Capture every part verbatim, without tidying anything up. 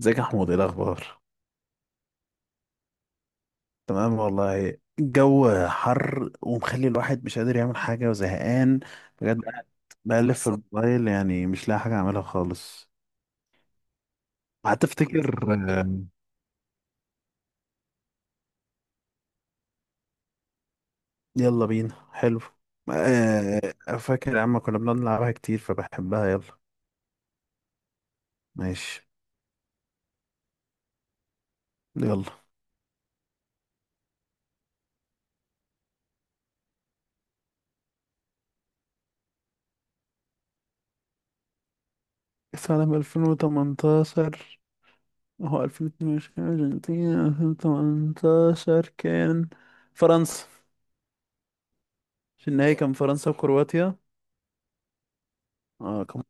ازيك يا محمود، ايه الاخبار؟ تمام والله، الجو حر ومخلي الواحد مش قادر يعمل حاجه وزهقان بجد. قاعد بقلب في بس الموبايل، يعني مش لاقي حاجه اعملها خالص. هتفتكر. آم، يلا بينا، حلو. آه، فاكر يا عم كنا بنقعد نلعبها كتير فبحبها؟ يلا. ماشي، يلا. سنة ألفين وتمنتاشر. هو ألفين واتنين وعشرين أرجنتين، ألفين وتمنتاشر كان فرنسا. في النهاية كان فرنسا وكرواتيا. اه كان.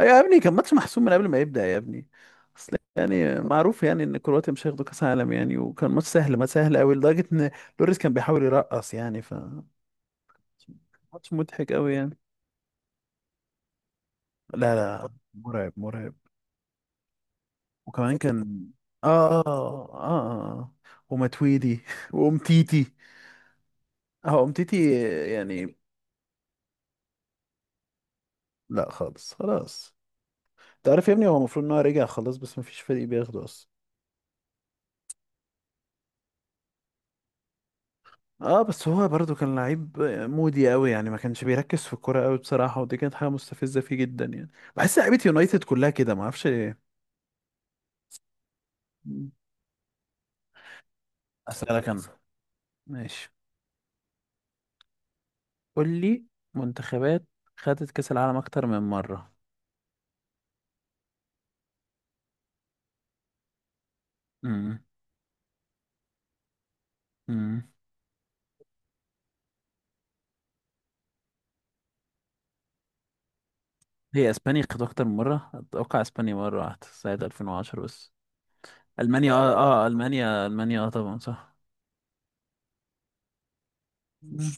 يا ابني كان ماتش محسوم من قبل ما يبدأ يا ابني. اصل يعني معروف يعني ان كرواتيا مش هياخدوا كاس عالم يعني، وكان ماتش سهل ما سهل قوي لدرجة ان لوريس كان بيحاول يرقص يعني، ف ماتش مضحك قوي يعني. لا لا، مرعب مرعب. وكمان كان اه اه اه, آه. ومتويدي وامتيتي. اه، امتيتي يعني. لا، خالص خلاص. تعرف يا ابني هو المفروض ان هو رجع خلاص، بس مفيش فريق بياخده اصلا. اه، بس هو برضو كان لعيب مودي قوي يعني، ما كانش بيركز في الكوره قوي بصراحه، ودي كانت حاجه مستفزه فيه جدا يعني. بحس لعيبه يونايتد كلها كده، ما اعرفش ليه. مم. اسالك انا. ماشي، قول لي منتخبات خدت كاس العالم اكتر من مره. امم امم هي اسبانيا خدت اكتر من مره؟ اتوقع اسبانيا مره واحده سنه ألفين وعشرة بس. المانيا اه اه المانيا، المانيا اه، طبعا صح. مم.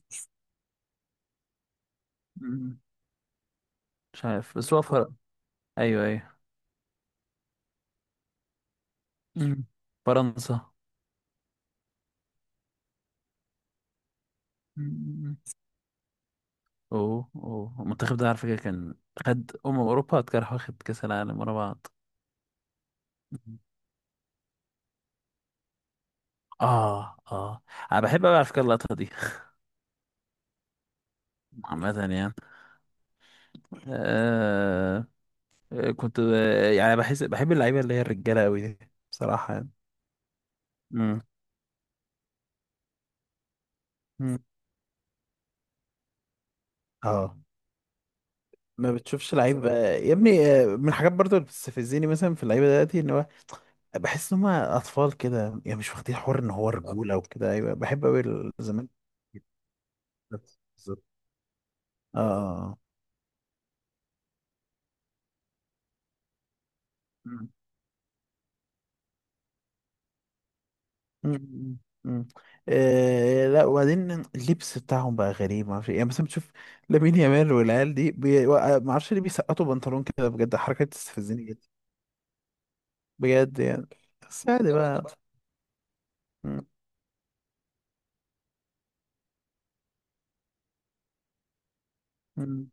مم. مش عارف، بس هو فرق. ايوه ايوه. مم. فرنسا. اوه اوه، المنتخب ده على فكرة كان خد أمم أوروبا، كان واخد كأس العالم ورا بعض. اه اه. انا بحب أوي على فكرة اللقطة دي. عامة يعني. آه. آه، كنت آه، يعني بحس بحب اللعيبة اللي هي الرجالة قوي دي بصراحة يعني. مم. مم. اه. ما بتشوفش لعيب يا ابني. آه، من الحاجات برضو اللي بتستفزني مثلا في اللعيبه دلوقتي، ان هو بحس ان هم اطفال كده يعني، مش واخدين حوار ان هو رجوله وكده. ايوه بحب قوي زمان. بالظبط بالظبط. اه، آه، آه. مم. مم. آه لا، وبعدين اللبس بتاعهم بقى غريب، ما اعرفش إيه. يعني مثلا بتشوف لامين يامال والعيال دي بي... ما اعرفش ليه بيسقطوا بنطلون كده، بجد حركه تستفزني جدا بجد يعني. بس عادي بقى. مم. مم.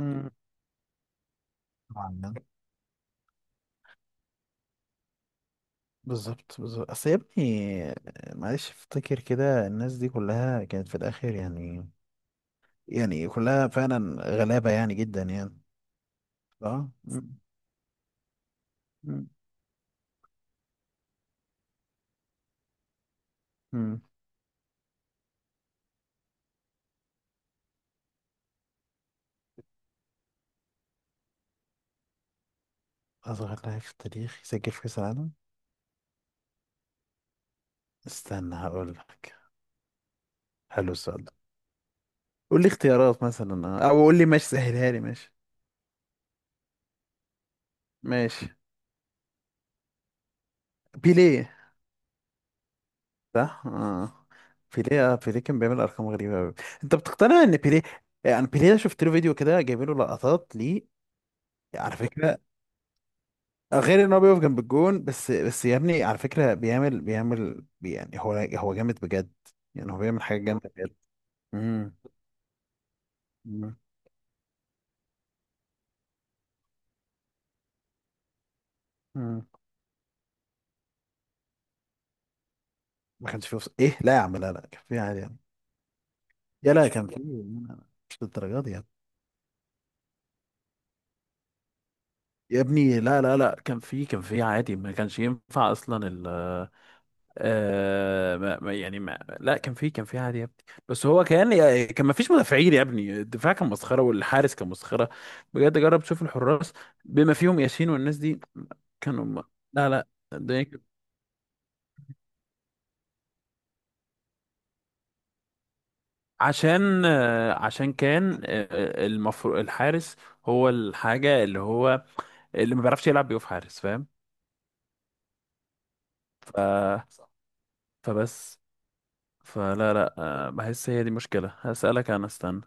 مم. طبعاً يعني. بالظبط بالظبط، اصل يا ابني معلش افتكر كده الناس دي كلها كانت في الاخر يعني، يعني كلها فعلا غلابه يعني جدا يعني. اه. مم. مم. مم. اصغر لاعب في التاريخ يسجل في كاس العالم؟ استنى هقول لك. حلو السؤال ده. قول لي اختيارات مثلا، آه، او قول لي ماشي، سهلها لي. ماشي، ماشي. بيليه. صح، اه. بيليه، آه، بيليه كان بيعمل ارقام غريبه قوي. انت بتقتنع ان بيليه؟ يعني بيليه ده شفت له فيديو كده جايبين له لقطات ليه. على فكره، غير ان هو بيقف جنب الجون، بس بس يا ابني على فكره بيعمل بيعمل يعني، هو هو جامد بجد. يعني هو بيعمل حاجه جامده بجد. امم أمم، أمم. ما كانش فيه وص... ايه؟ لا يا عم، لا لا، كان فيه عادي يعني. يا لا، كان فيه. مش للدرجه دي يعني. يا ابني لا لا لا، كان في كان في عادي، ما كانش ينفع اصلا ال آه ما ما- يعني ما لا، كان في كان في عادي يا ابني. بس هو كان، كان ما فيش مدافعين يا ابني. الدفاع كان مسخره، والحارس كان مسخره بجد. جرب تشوف الحراس بما فيهم ياسين والناس دي. كانوا م-. لا لا. الدنيا كانت-. عشان آه، عشان كان المفروض الحارس هو الحاجه اللي هو، اللي ما بيعرفش يلعب بيقف حارس، فاهم. ف، فبس، فلا لا، آه، بحس هي دي مشكلة. هسألك أنا، استنى.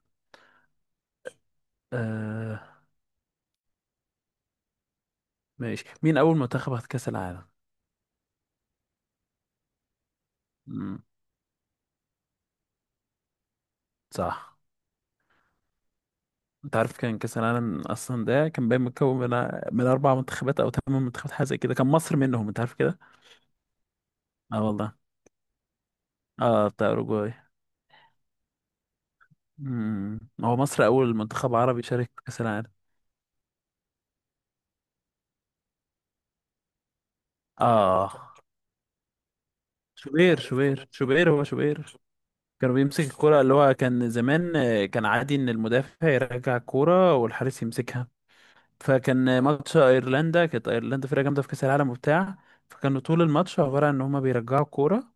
أه، ماشي. مين أول منتخب خد كأس العالم؟ مم. صح. أنت عارف كان كأس العالم أصلا ده كان باين متكون من، من أربع منتخبات أو ثمان منتخبات، حاجة زي كده، كان مصر منهم، أنت عارف كده؟ أه والله، أه بتاع أوروجواي. مم. هو مصر أول منتخب عربي شارك في كأس العالم. أه، شوبير شوبير شوبير هو شوبير. كانوا بيمسك الكرة، اللي هو كان زمان آه، كان عادي إن المدافع يرجع الكرة والحارس يمسكها. فكان ماتش ايرلندا، كانت ايرلندا فرقه جامده في كاس العالم وبتاع. فكانوا طول الماتش عباره عن ان هما بيرجعوا الكوره.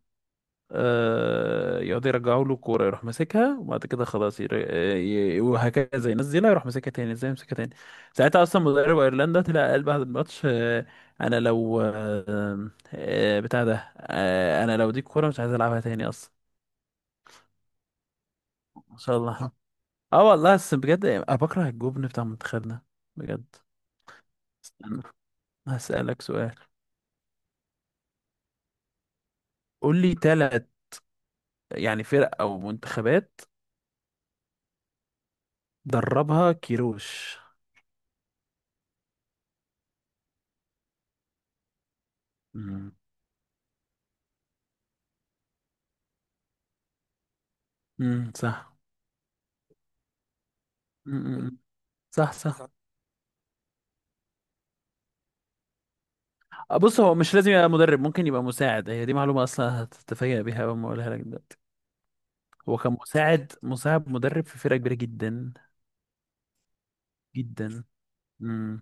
آه يقعدوا يرجعوا له الكوره، يروح ماسكها، وبعد كده خلاص ير... آه، ي... وهكذا، ينزلها يروح ماسكها تاني، ازاي يمسكها تاني. ساعتها اصلا مدرب ايرلندا طلع قال بعد الماتش آه انا لو آه آه بتاع ده آه انا لو دي الكوره مش عايز العبها تاني اصلا. ما شاء الله. اه والله، بس بجد انا بكره الجبن بتاع منتخبنا بجد. استنى، هسألك سؤال. قول لي ثلاث، يعني فرق أو منتخبات دربها كيروش. مم. مم. صح. مم. مم. صح صح. بص، هو مش لازم يبقى مدرب، ممكن يبقى مساعد. هي دي معلومة أصلا هتتفاجأ بيها أول ما أقولها لك دلوقتي. هو كان مساعد مساعد مدرب في فرقة كبيرة جدا، جدا. مم.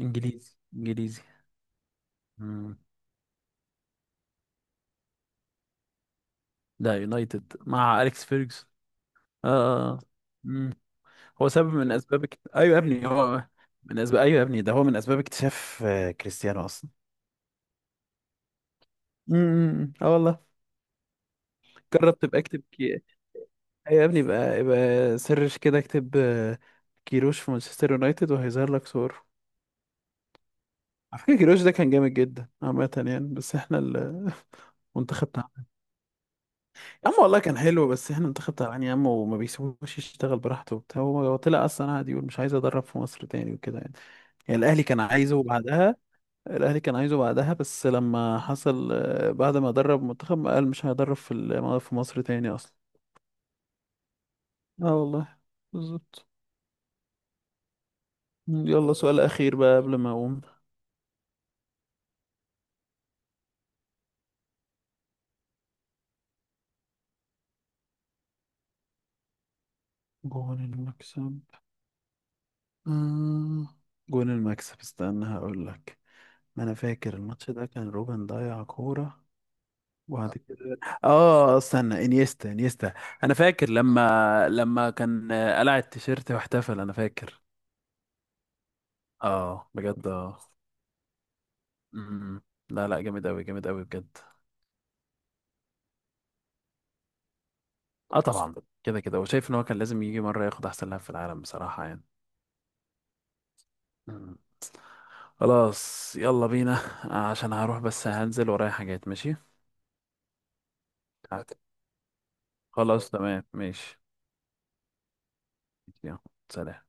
إنجليزي إنجليزي. مم. لا، يونايتد مع أليكس فيرجسون. آه، آه. آه. مم. هو سبب من أسباب اكت... أيوه يا ابني هو من أسباب، أيوه يا ابني، ده هو من أسباب اكتشاف آه، كريستيانو أصلا. امم اه والله. جرب تبقى اكتب كي... أيوة يا ابني بقى، يبقى سرش كده، اكتب آه، كيروش في مانشستر يونايتد، وهيظهر لك صور. على فكرة كيروش ده كان جامد جدا عامة يعني، بس احنا ال- المنتخب تعبان. يا عم والله كان حلو، بس احنا المنتخب تعبان يا عم، وما بيسيبوش يشتغل براحته وبتاع. هو هو طلع اصلا قاعد يقول مش عايز ادرب في مصر تاني وكده يعني. يعني الاهلي كان عايزه بعدها. الاهلي كان عايزه بعدها، بس لما حصل آه، بعد ما درب منتخب قال مش هيدرب في ال-، في مصر تاني اصلا. اه والله. بالظبط. يلا سؤال أخير بقى قبل ما أقوم. جون المكسب. آه. جون المكسب، استنى هقول لك. ما أنا فاكر الماتش ده كان روبن ضيع كورة، وبعد كده آه استنى، إنيستا إنيستا. أنا فاكر لما لما كان آه، قلع التيشيرت واحتفل، أنا فاكر. آه بجد، آه. م-. لا لا، جامد أوي جامد أوي بجد. آه طبعا، كده كده، وشايف إن هو كان لازم يجي مرة ياخد أحسن لاعب في العالم بصراحة يعني. خلاص يلا بينا، عشان هروح، بس هنزل ورايا حاجات، ماشي. هت-. خلاص تمام، ماشي. يلا. سلام.